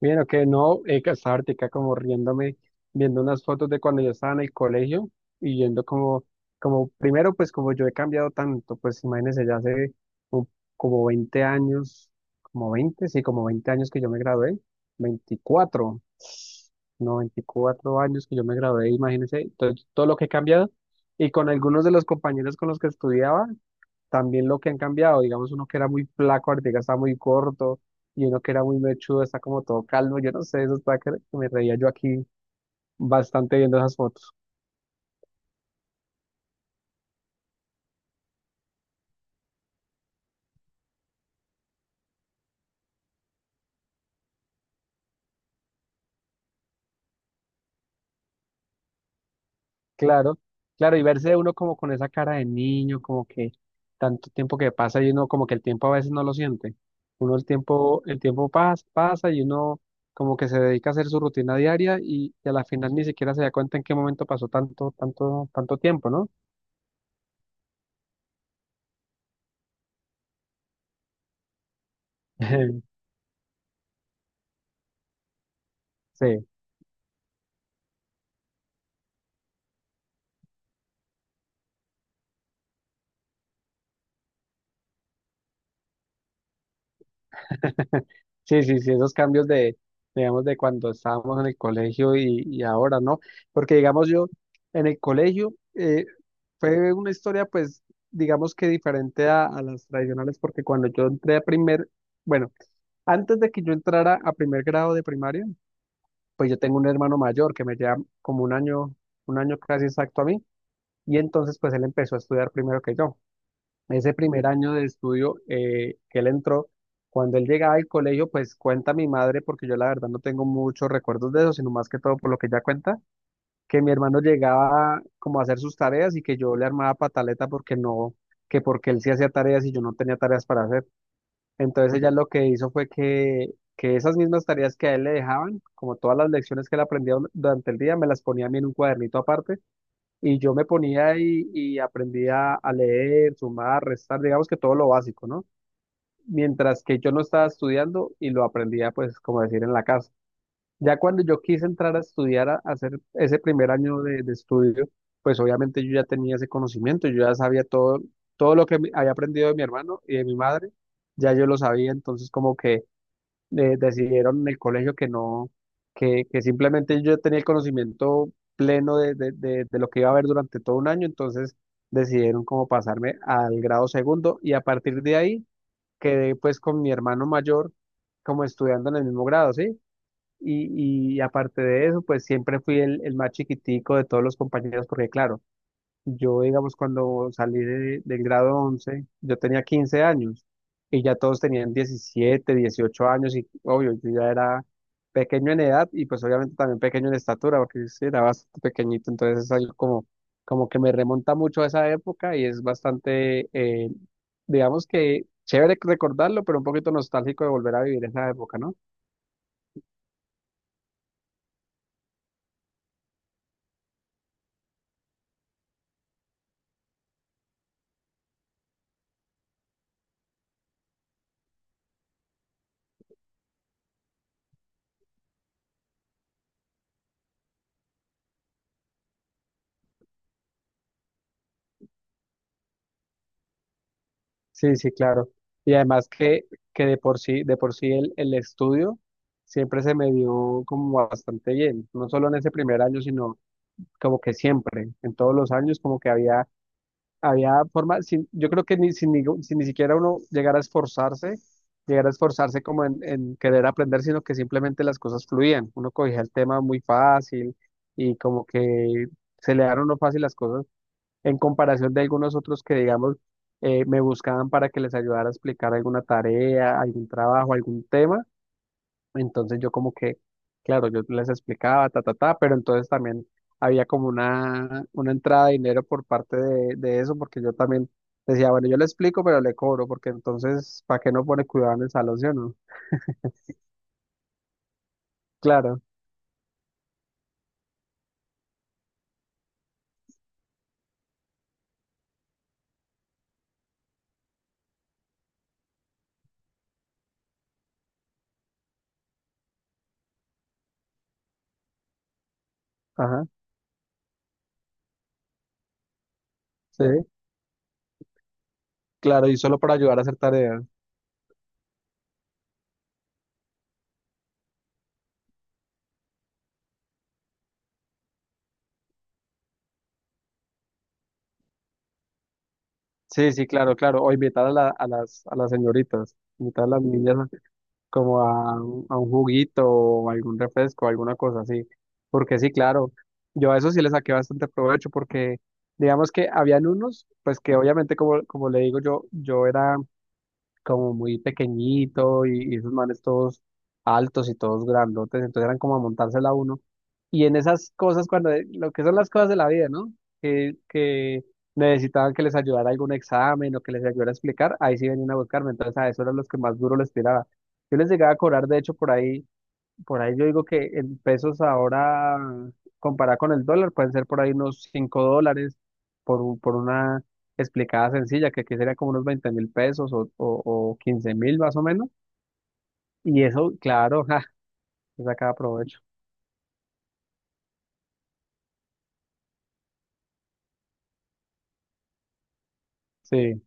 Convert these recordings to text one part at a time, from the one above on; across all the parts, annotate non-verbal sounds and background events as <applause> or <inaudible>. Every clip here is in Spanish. Mira, que no, que estaba ahorita como riéndome, viendo unas fotos de cuando yo estaba en el colegio y yendo como, como primero, pues como yo he cambiado tanto, pues imagínense, ya hace un- como 20 años, como 20 sí, como 20 años que yo me gradué, 24 no, 24 años que yo me gradué, imagínense, todo lo que he cambiado y con algunos de los compañeros con los que estudiaba, también lo que han cambiado, digamos, uno que era muy flaco, ahorita está muy corto, y uno que era muy mechudo, está como todo calmo, yo no sé, eso está que me reía yo aquí bastante viendo esas fotos. Claro, claro, y verse uno como con esa cara de niño, como que tanto tiempo que pasa y uno como que el tiempo a veces no lo siente. Uno el tiempo pasa, pasa y uno como que se dedica a hacer su rutina diaria y a la final ni siquiera se da cuenta en qué momento pasó tanto, tanto, tanto tiempo, ¿no? <laughs> Sí. Sí, sí, sí, esos cambios de, digamos, de cuando estábamos en el colegio y ahora, ¿no? Porque, digamos, yo en el colegio fue una historia, pues, digamos que diferente a las tradicionales, porque cuando yo entré bueno, antes de que yo entrara a primer grado de primaria, pues yo tengo un hermano mayor que me lleva como un año casi exacto a mí, y entonces, pues, él empezó a estudiar primero que yo ese primer año de estudio que él entró, cuando él llegaba al colegio, pues cuenta mi madre, porque yo la verdad no tengo muchos recuerdos de eso, sino más que todo por lo que ella cuenta, que mi hermano llegaba como a hacer sus tareas y que yo le armaba pataleta porque no, que porque él sí hacía tareas y yo no tenía tareas para hacer. Entonces ella lo que hizo fue que esas mismas tareas que a él le dejaban, como todas las lecciones que él aprendía durante el día, me las ponía a mí en un cuadernito aparte y yo me ponía y aprendía a leer, sumar, restar, digamos que todo lo básico, ¿no? Mientras que yo no estaba estudiando y lo aprendía, pues, como decir, en la casa. Ya cuando yo quise entrar a estudiar, a hacer ese primer año de estudio, pues obviamente yo ya tenía ese conocimiento, yo ya sabía todo, todo lo que había aprendido de mi hermano y de mi madre, ya yo lo sabía, entonces como que decidieron en el colegio que no, que simplemente yo tenía el conocimiento pleno de lo que iba a haber durante todo un año, entonces decidieron como pasarme al grado segundo y a partir de ahí quedé pues con mi hermano mayor como estudiando en el mismo grado, ¿sí? Y aparte de eso, pues siempre fui el más chiquitico de todos los compañeros, porque claro, yo, digamos, cuando salí del grado 11 yo tenía 15 años y ya todos tenían 17 18 años y obvio, yo ya era pequeño en edad y pues obviamente también pequeño en estatura porque sí, era bastante pequeñito, entonces es algo como, como que me remonta mucho a esa época y es bastante, digamos que chévere recordarlo, pero un poquito nostálgico de volver a vivir esa época, ¿no? Sí, sí, claro. Y además que de por sí el estudio siempre se me dio como bastante bien, no solo en ese primer año, sino como que siempre, en todos los años, como que había forma, sin, yo creo que ni, sin, ni, sin ni siquiera uno llegara a esforzarse, como en querer aprender, sino que simplemente las cosas fluían, uno cogía el tema muy fácil y como que se le daban uno fácil las cosas en comparación de algunos otros que, digamos, me buscaban para que les ayudara a explicar alguna tarea, algún trabajo, algún tema. Entonces yo como que, claro, yo les explicaba, ta, ta, ta, pero entonces también había como una entrada de dinero por parte de eso, porque yo también decía, bueno, yo le explico, pero le cobro, porque entonces, ¿para qué no pone cuidado en el salón, sí o no? Claro, ajá, sí, claro, y solo para ayudar a hacer tareas. Sí, sí, claro, claro. O invitar a las señoritas, invitar a las niñas como a un juguito o algún refresco, alguna cosa así. Porque sí, claro, yo a eso sí le saqué bastante provecho porque digamos que habían unos, pues que obviamente como le digo yo era como muy pequeñito y esos manes todos altos y todos grandotes, entonces eran como a montársela a uno. Y en esas cosas, cuando lo que son las cosas de la vida, ¿no? Que necesitaban que les ayudara algún examen o que les ayudara a explicar, ahí sí venían a buscarme, entonces a eso eran los que más duro les tiraba. Yo les llegaba a cobrar, de hecho, por ahí. Por ahí yo digo que en pesos ahora, comparado con el dólar, pueden ser por ahí unos $5 por una explicada sencilla, que aquí sería como unos 20.000 pesos o 15.000 más o menos. Y eso, claro, <laughs> ja, se saca provecho. Sí,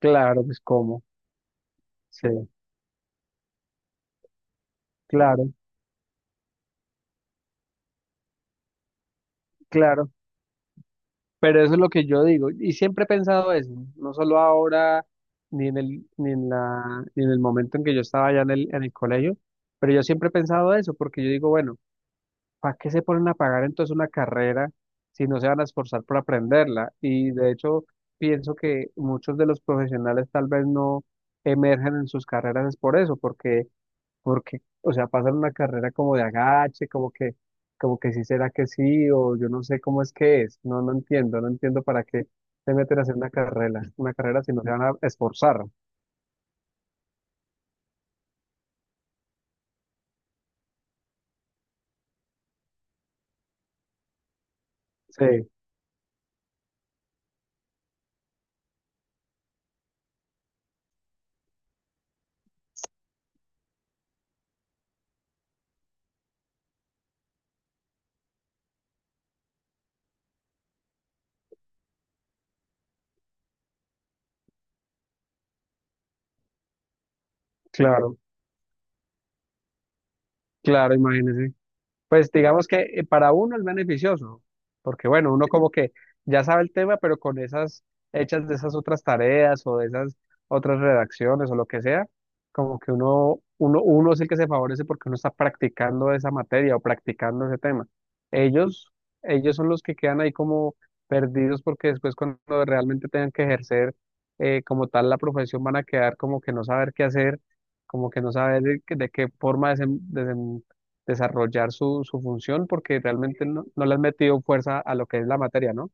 claro, pues cómo. Sí, claro, claro. Pero eso es lo que yo digo. Y siempre he pensado eso, no solo ahora, ni en el, ni en la, ni en el momento en que yo estaba allá en el colegio, pero yo siempre he pensado eso, porque yo digo, bueno. ¿Para qué se ponen a pagar entonces una carrera si no se van a esforzar por aprenderla? Y de hecho, pienso que muchos de los profesionales tal vez no emergen en sus carreras es por eso, porque, o sea, pasan una carrera como de agache, como que sí será que sí, o yo no sé cómo es que es. No, no entiendo, no entiendo para qué se meten a hacer una carrera si no se van a esforzar. Sí, claro, claro, imagínense. Pues digamos que para uno es beneficioso, porque bueno, uno como que ya sabe el tema, pero con esas hechas de esas otras tareas o de esas otras redacciones o lo que sea, como que uno es el que se favorece porque uno está practicando esa materia o practicando ese tema. Ellos, ellos son los que quedan ahí como perdidos porque después cuando realmente tengan que ejercer como tal la profesión van a quedar como que no saber qué hacer, como que no saber de qué forma desenvolverse desarrollar su función porque realmente no le has metido fuerza a lo que es la materia, ¿no?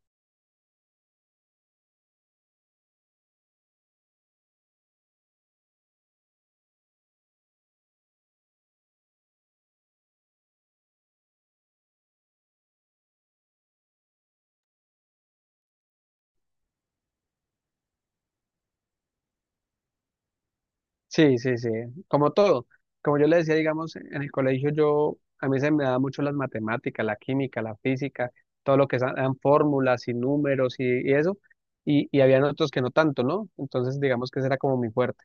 Sí, sí, sí, como todo. Como yo le decía, digamos, en el colegio yo, a mí se me da mucho las matemáticas, la química, la física, todo lo que sean fórmulas y números y eso, y habían otros que no tanto, ¿no? Entonces, digamos que ese era como mi fuerte.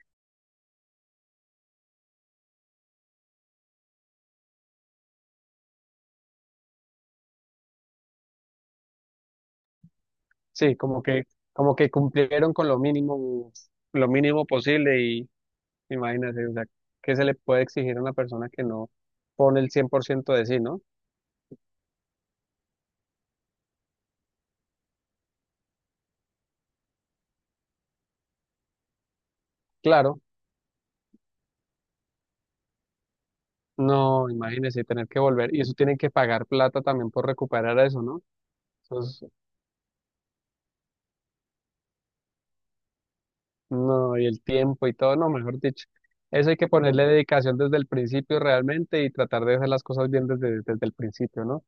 Sí, como que cumplieron con lo mínimo posible y imagínate, o sea, ¿qué se le puede exigir a una persona que no pone el 100% de sí? ¿No? Claro, no, imagínese tener que volver. Y eso tienen que pagar plata también por recuperar eso, ¿no? Entonces, no, y el tiempo y todo, no, mejor dicho. Eso hay que ponerle dedicación desde el principio realmente y tratar de hacer las cosas bien desde el principio, ¿no?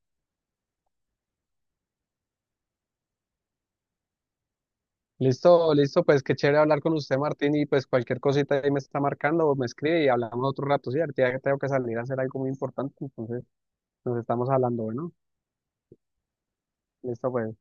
Listo, listo, pues qué chévere hablar con usted, Martín, y pues cualquier cosita ahí me está marcando o me escribe y hablamos otro rato, ¿sí? Ahorita ya tengo que salir a hacer algo muy importante, entonces nos estamos hablando, bueno, listo, pues.